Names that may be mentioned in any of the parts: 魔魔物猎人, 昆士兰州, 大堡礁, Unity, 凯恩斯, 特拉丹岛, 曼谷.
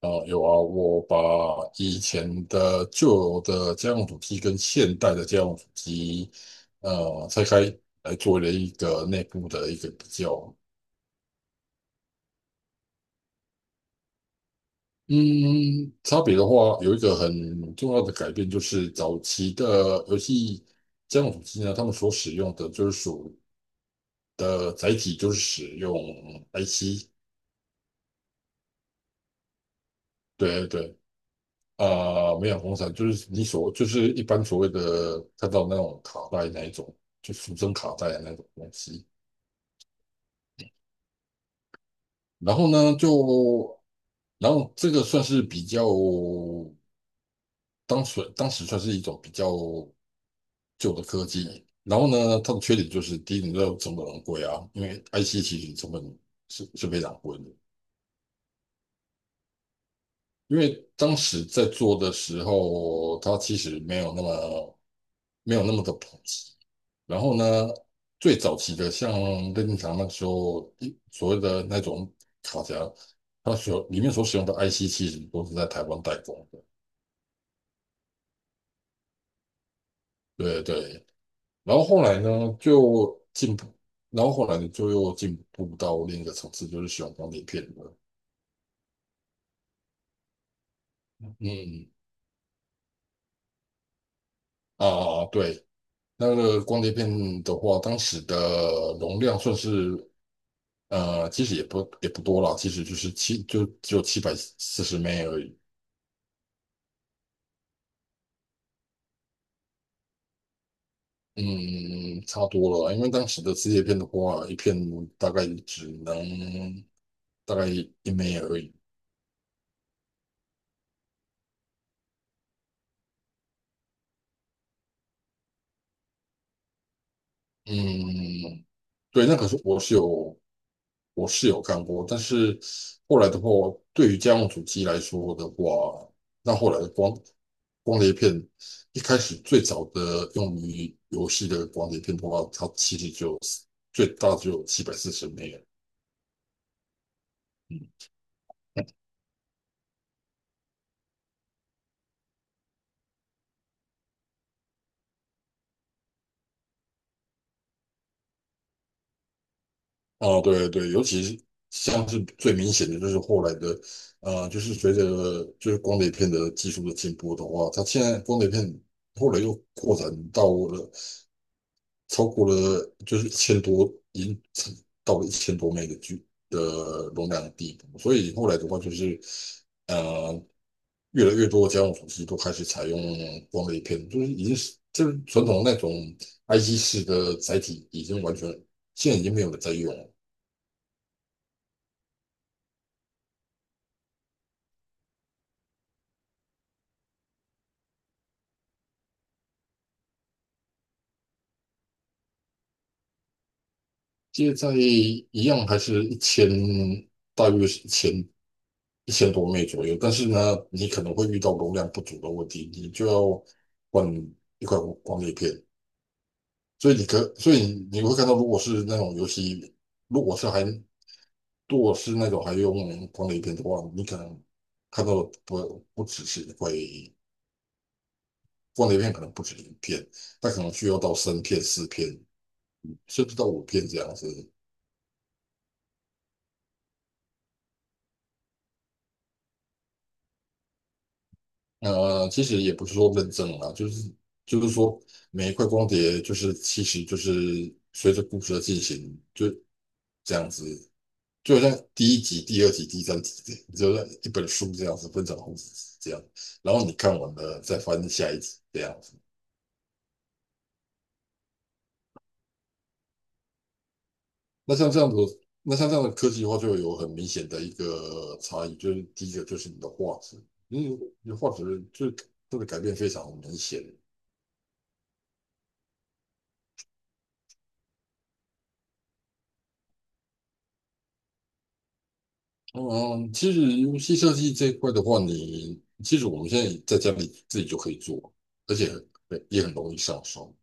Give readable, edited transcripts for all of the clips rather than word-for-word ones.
哦，有啊，我把以前的旧的家用主机跟现代的家用主机，拆开来做了一个内部的一个比较。嗯，差别的话，有一个很重要的改变，就是早期的游戏家用主机呢，他们所使用的就是属的载体就是使用 IC，对对。啊、没有红伞，就是你所就是一般所谓的看到那种卡带那一种，就俗称卡带的那种东西。然后呢，就然后这个算是比较当时算是一种比较旧的科技。然后呢，它的缺点就是第一，你知道成本很贵啊，因为 IC 其实成本是非常贵的。因为当时在做的时候，它其实没有那么的普及。然后呢，最早期的像任天堂那个时候，一所谓的那种卡夹，它所里面所使用的 IC 其实都是在台湾代工的。对对。然后后来呢，就进步，然后后来就又进步到另一个层次，就是使用光碟片了。嗯啊，对。那个光碟片的话，当时的容量算是其实也不多了，其实就是七，就只有七百四十枚而已。嗯，差多了，因为当时的磁铁片的话，一片大概只能大概一枚而已。嗯，对，那可是我是有看过，但是后来的话，对于家用主机来说的话，那后来的光碟片，一开始最早的用于游戏的光碟片的话，它其实就有最大只有七百四十枚。哦，对对，尤其是像是最明显的就是后来的，就是随着就是光碟片的技术的进步的话，它现在光碟片后来又扩展到了超过了就是一千多，已经到了一千多 M B 的容量的地步，所以后来的话就是，呃，越来越多的家用手机都开始采用光碟片，就是已经是就是传统那种 IC 式的载体已经完全现在已经没有人在用了。接在一样还是一千，大约是一千多枚左右。但是呢，你可能会遇到容量不足的问题，你就要换一块光碟片。所以你可，所以你会看到，如果是那种游戏，如果是还如果是那种还用光碟片的话，你可能看到的不只是一块光碟片，可能不止一片，它可能需要到三片、四片，甚至到五片这样子。其实也不是说认证啦，就是说每一块光碟就是其实就是随着故事的进行，就这样子，就好像第一集、第二集、第三集，就像一本书这样子分成好几集这样，然后你看完了再翻下一集这样子。那像这样子，那像这样的科技的话，就有很明显的一个差异，就是第一个就是你的画质，因为你的画质就真的改变非常明显。嗯，其实游戏设计这一块的话，你其实我们现在在家里自己就可以做，而且很也很容易上手。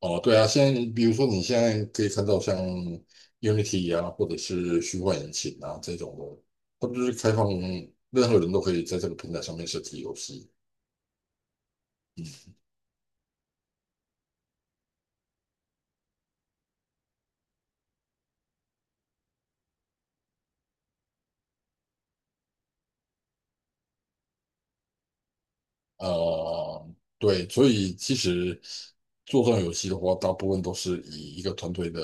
哦，对啊，现在比如说你现在可以看到像 Unity 啊，或者是虚幻引擎啊这种的，它不是开放任何人都可以在这个平台上面设计游戏。呃，对，所以其实做这种游戏的话，大部分都是以一个团队的，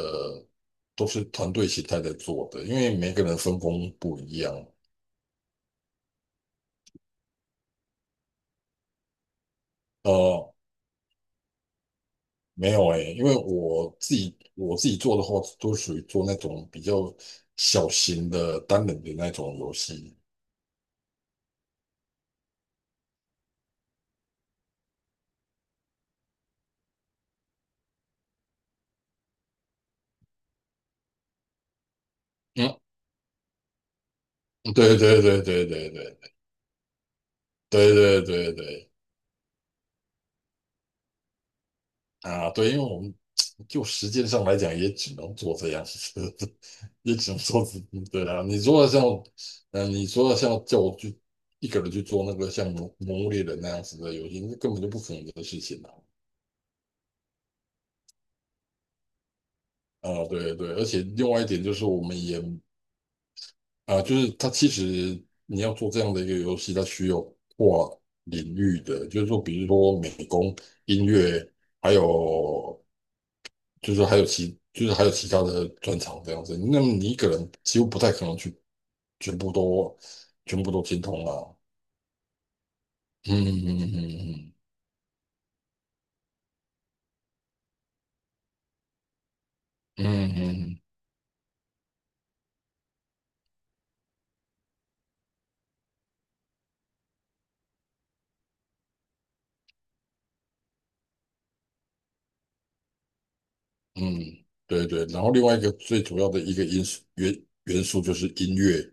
都是团队形态在做的，因为每个人分工不一样。呃，没有诶，因为我自己做的话，都属于做那种比较小型的单人的那种游戏。嗯，对对对对对对对对对对啊，对，因为我们 就时间上来讲，也只能做这样，子，也只能做这，对啊。你说像，嗯、你说像叫我去一个人去做那个像《魔物猎人》那样子的游戏，那根本就不可能的事情啊。啊，对对，而且另外一点就是，我们也啊，就是它其实你要做这样的一个游戏，它需要跨领域的，就是说，比如说美工、音乐，还有就是还有其就是还有其他的专长这样子。那么你一个人几乎不太可能去全部都全部都精通啊。嗯嗯嗯嗯嗯嗯嗯，对对。然后另外一个最主要的一个因素元元素就是音乐，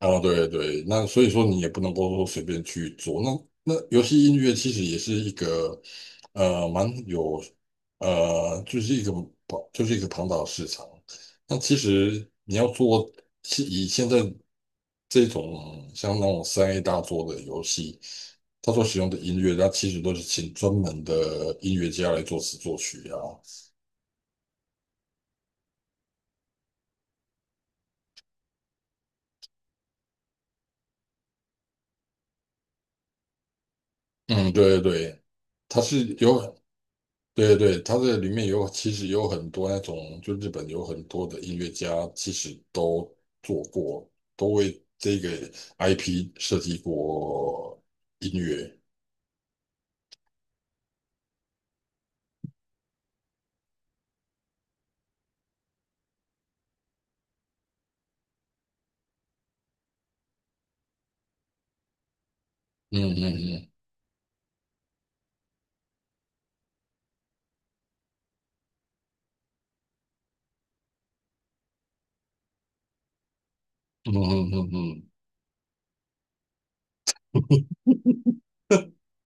哦，对对，那所以说你也不能够说随便去做。那游戏音乐其实也是一个呃蛮有呃就是一个庞就是一个庞大的市场。那其实你要做，是以现在这种像那种3A 大作的游戏，它所使用的音乐，它其实都是请专门的音乐家来作词作曲啊。嗯，对对对，它是有。对对对，它这里面有其实有很多那种，就日本有很多的音乐家，其实都做过，都为这个 IP 设计过音乐。嗯嗯嗯嗯嗯嗯嗯，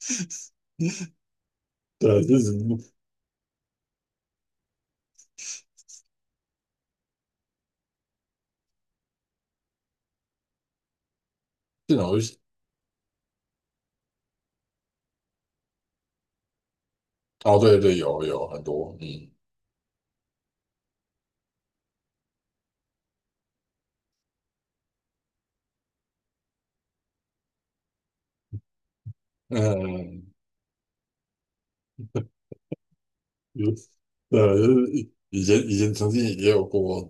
对，就是这种游戏哦，对对，有很多，嗯嗯。嗯嗯有，就以前曾经也有过，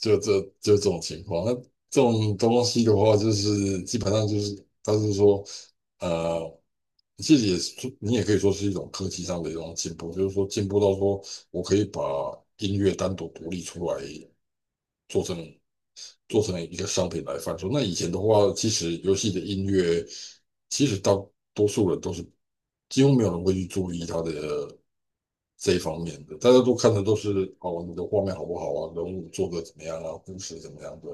就这种情况。那这种东西的话，就是基本上就是，他是说，呃，其实也是你也可以说是一种科技上的一种进步，就是说进步到说我可以把音乐单独独立出来，做成做成一个商品来贩售。那以前的话，其实游戏的音乐，其实大多数人都是几乎没有人会去注意它的。这一方面的，大家都看的都是哦，你的画面好不好啊，人物做的怎么样啊，故事怎么样的，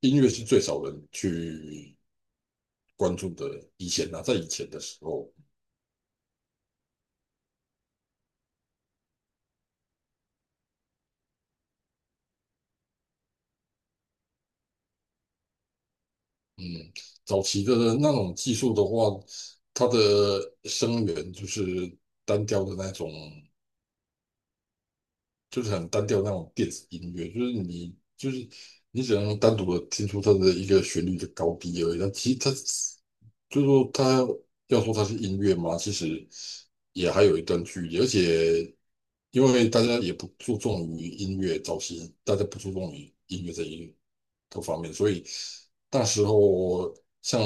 音乐是最少人去关注的。以前啊，在以前的时候，嗯，早期的那种技术的话，它的声源就是单调的那种就是很单调那种电子音乐，就是你就是你只能单独的听出它的一个旋律的高低而已。但其实它就是说它要说它是音乐嘛，其实也还有一段距离。而且因为大家也不注重于音乐，早期大家不注重于音乐这一个方面，所以那时候像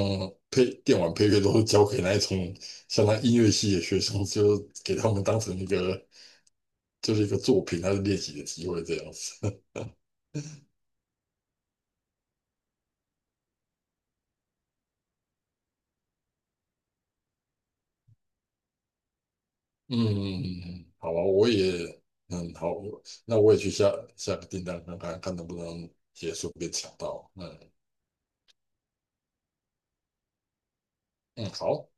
配电玩配乐都是交给那一种像那音乐系的学生，就给他们当成一个作品，它是练习的机会这样子。嗯，好啊，我也嗯好，那我也去下个订单看看能不能也顺便抢到。嗯嗯，好。